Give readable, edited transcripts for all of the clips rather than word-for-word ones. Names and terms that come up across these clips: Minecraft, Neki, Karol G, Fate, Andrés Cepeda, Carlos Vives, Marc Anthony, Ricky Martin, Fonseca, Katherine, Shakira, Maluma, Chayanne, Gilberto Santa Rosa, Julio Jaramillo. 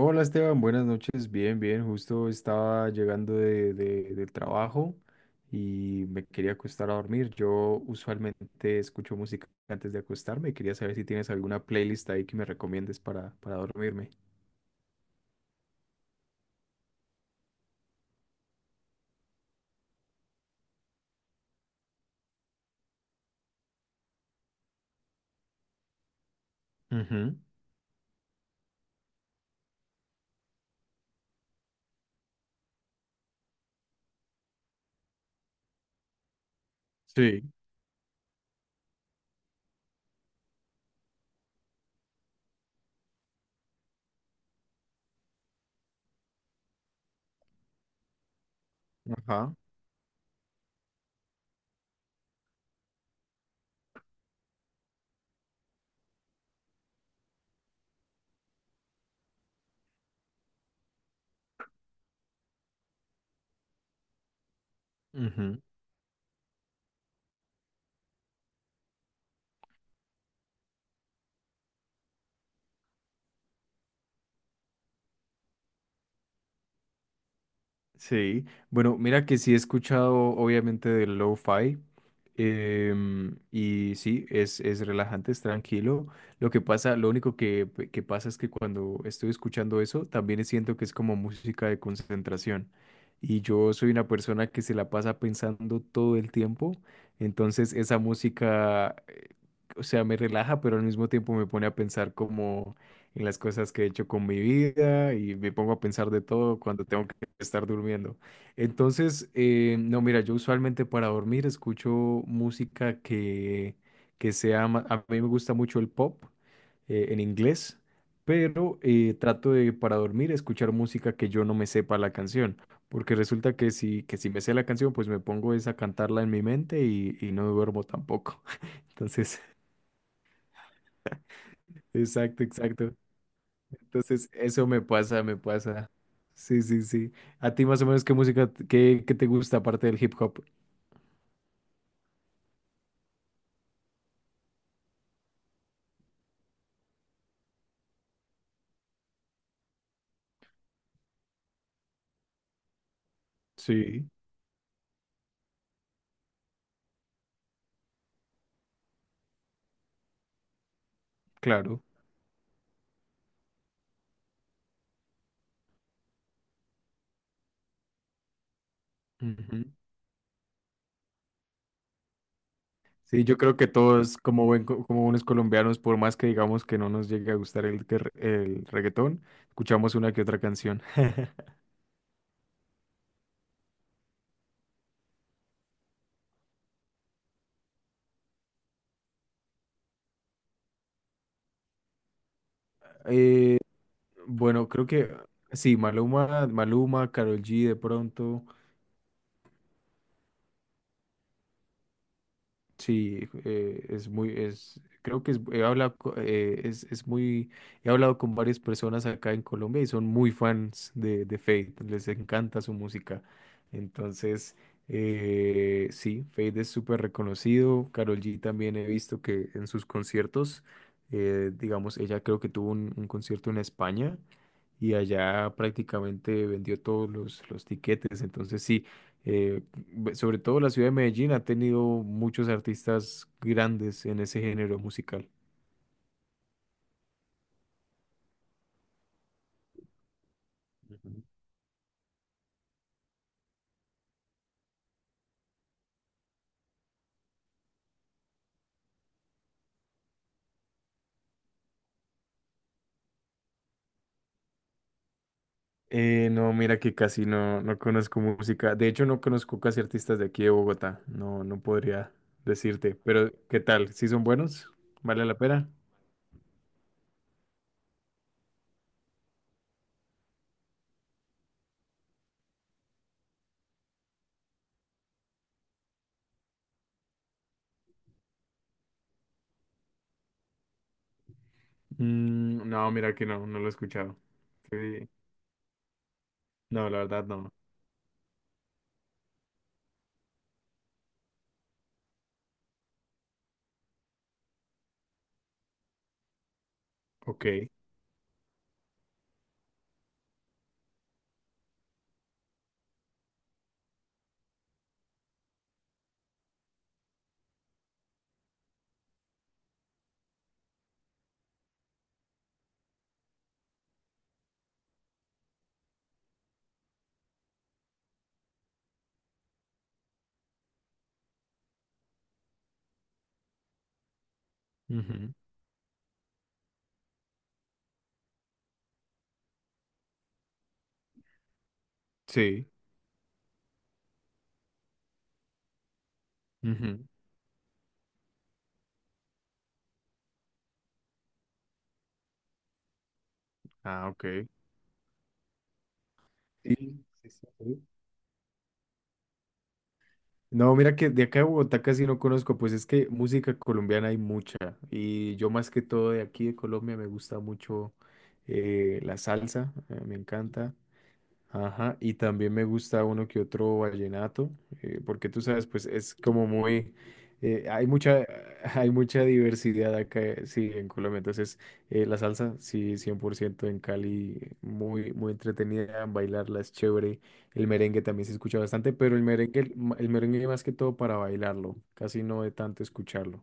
Hola Esteban, buenas noches. Bien, bien. Justo estaba llegando del trabajo y me quería acostar a dormir. Yo usualmente escucho música antes de acostarme y quería saber si tienes alguna playlist ahí que me recomiendes para dormirme. Ujú, sí, ajá. Ujú. Sí, bueno, mira que sí he escuchado obviamente del lo-fi, y sí, es relajante, es tranquilo. Lo que pasa, lo único que pasa es que cuando estoy escuchando eso, también siento que es como música de concentración. Y yo soy una persona que se la pasa pensando todo el tiempo, entonces esa música, o sea, me relaja, pero al mismo tiempo me pone a pensar como en las cosas que he hecho con mi vida y me pongo a pensar de todo cuando tengo estar durmiendo. Entonces, no, mira, yo usualmente para dormir escucho música que, que sea, a mí me gusta mucho el pop, en inglés, pero trato de para dormir escuchar música que yo no me sepa la canción, porque resulta que si me sé la canción, pues me pongo es a cantarla en mi mente y no duermo tampoco. Entonces, exacto, exacto. Entonces, eso me pasa, me pasa. Sí, sí, sí. ¿A ti más o menos qué música, qué te gusta aparte del hip hop? Sí, claro. Ujú. Sí, yo creo que todos, como, como buenos colombianos, por más que digamos que no nos llegue a gustar el reggaetón, escuchamos una que otra canción. Eh, bueno, creo que sí, Maluma, Maluma, Karol G de pronto. Sí, creo que he hablado, he hablado con varias personas acá en Colombia y son muy fans de Fate, les encanta su música. Entonces, sí, Fate es súper reconocido. Karol G también he visto que en sus conciertos, digamos, ella creo que tuvo un concierto en España y allá prácticamente vendió los tiquetes. Entonces, sí. Eh, Sobre todo la ciudad de Medellín ha tenido muchos artistas grandes en ese género musical. Ujú. No, mira que casi no, no conozco música. De hecho, no conozco casi artistas de aquí de Bogotá. No podría decirte. Pero, ¿qué tal? ¿Sí son buenos? ¿Vale la pena? Mm, no, mira que no, no lo he escuchado. Sí. No, la verdad no. Ok. Ujú. Sí. Ujú. Ah, ok. Sí, sí, sí. No, mira que de acá de Bogotá casi no conozco, pues es que música colombiana hay mucha y yo más que todo de aquí de Colombia me gusta mucho, la salsa, me encanta. Ajá, y también me gusta uno que otro vallenato, porque tú sabes, pues es como muy, hay mucha, hay mucha diversidad acá, sí, en Colombia. Entonces, la salsa, sí, 100% en Cali, muy, muy entretenida, bailarla es chévere. El merengue también se escucha bastante, pero el merengue, el merengue más que todo para bailarlo, casi no de tanto escucharlo.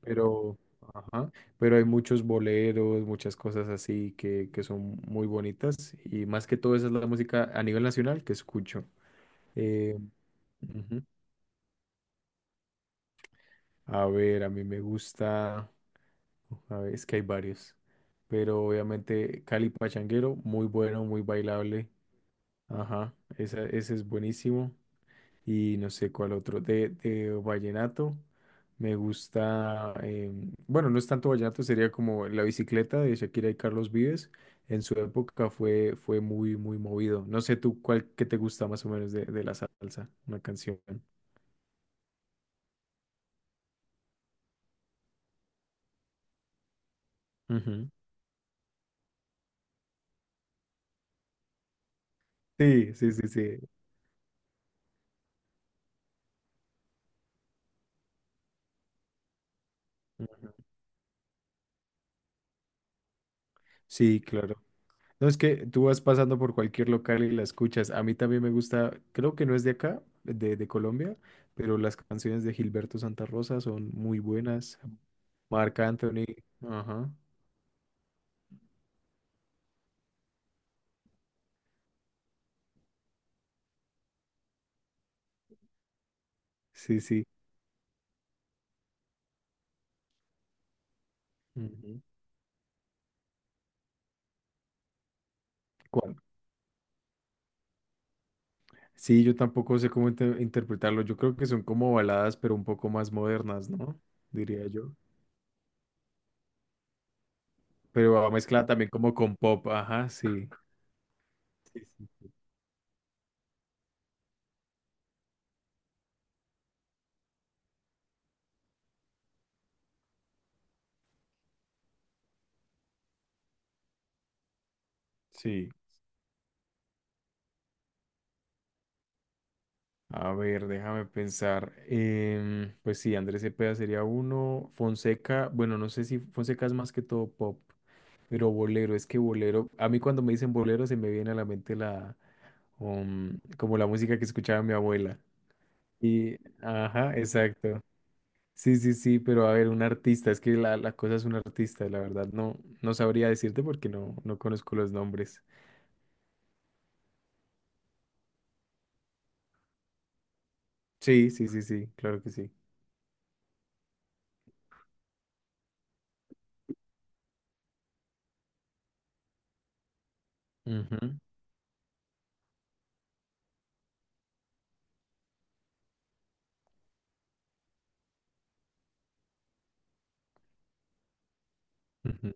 Pero, ajá, pero hay muchos boleros, muchas cosas así que son muy bonitas y más que todo esa es la música a nivel nacional que escucho. Eh, ujú. A ver, a mí me gusta, a ver, es que hay varios, pero obviamente Cali Pachanguero, muy bueno, muy bailable, ajá, ese es buenísimo. Y no sé cuál otro. De vallenato, me gusta, bueno, no es tanto vallenato, sería como la bicicleta de Shakira y Carlos Vives. En su época fue muy, muy movido. No sé tú cuál que te gusta más o menos de la salsa, una canción. Ujú. Sí, sí, sí, sí. Ujú. Sí, claro. No, es que tú vas pasando por cualquier local y la escuchas. A mí también me gusta, creo que no es de acá, de Colombia, pero las canciones de Gilberto Santa Rosa son muy buenas. Marc Anthony, ajá, sí, sí. Ujú. Cuan- Sí, yo tampoco sé cómo interpretarlo. Yo creo que son como baladas, pero un poco más modernas, ¿no? Diría yo. Pero va mezclada también como con pop, ajá, sí. Sí, sí. Sí. A ver, déjame pensar. Em, pues sí, Andrés Cepeda sería uno. Fonseca, bueno, no sé si Fonseca es más que todo pop, pero bolero, es que bolero, a mí cuando me dicen bolero se me viene a la mente la, como la música que escuchaba mi abuela. Y, ajá, exacto. Sí, sí, sí, pero a ver, un artista, es que la cosa es un artista, la verdad, no, no sabría decirte porque no, no conozco los nombres. Sí, sí, sí, sí, claro que sí. Ujú, ujú.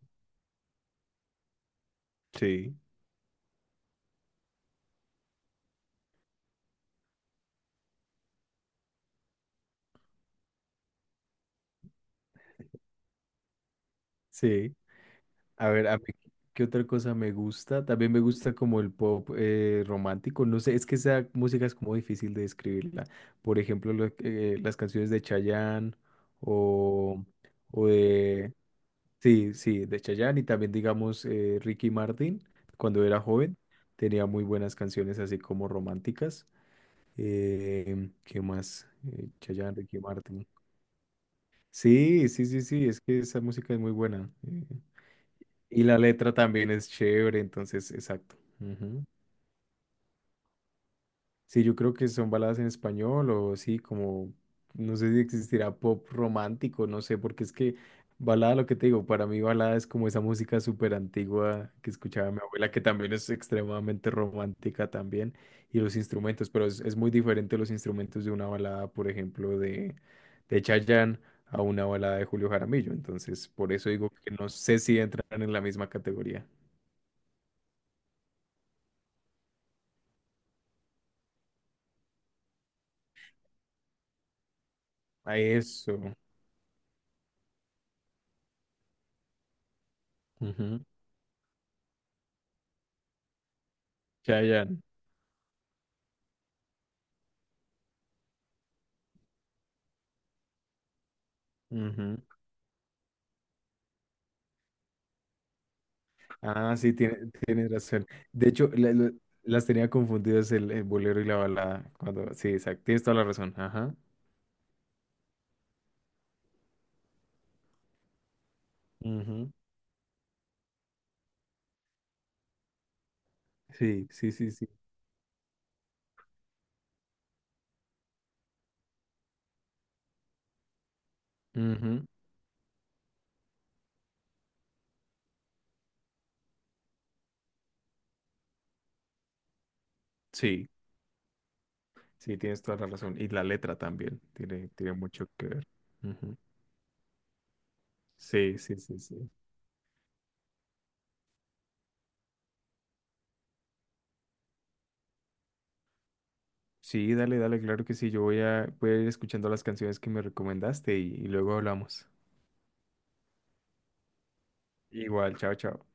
Sí, sí. A ver, a mí, ¿qué otra cosa me gusta? También me gusta como el pop, romántico. No sé, es que esa música es como difícil de describirla. Por ejemplo, las canciones de Chayanne o, o de... Sí, sí, de Chayanne y también, digamos, Ricky Martin, cuando era joven, tenía muy buenas canciones así como románticas. ¿Qué más? Chayanne, Ricky Martin. Sí, sí, sí, sí, es que esa música es muy buena. Eh. Y la letra también es chévere, entonces, exacto. Ujú. Sí, yo creo que son baladas en español o sí, como, no sé si existirá pop romántico, no sé, porque es que balada, lo que te digo, para mí balada es como esa música súper antigua que escuchaba mi abuela, que también es extremadamente romántica también, y los instrumentos, pero es muy diferente los instrumentos de una balada, por ejemplo, de Chayanne a una balada de Julio Jaramillo, entonces por eso digo que no sé si entran en la misma categoría. A eso. Ujú. Chayanne. Ujú. Ah, sí, tienes razón. De hecho, las tenía confundidas el bolero y la balada. Cuando, sí, exacto. Tienes toda la razón. Ajá. Ujú. Sí, sí, sí, sí. Ujú. Sí, sí, tienes toda la razón. Y la letra también tiene, tiene mucho que ver. Ujú. Sí, sí, sí, sí. Sí, dale, dale, claro que sí. Voy a ir escuchando las canciones que me recomendaste y luego hablamos. Igual, chao, chao.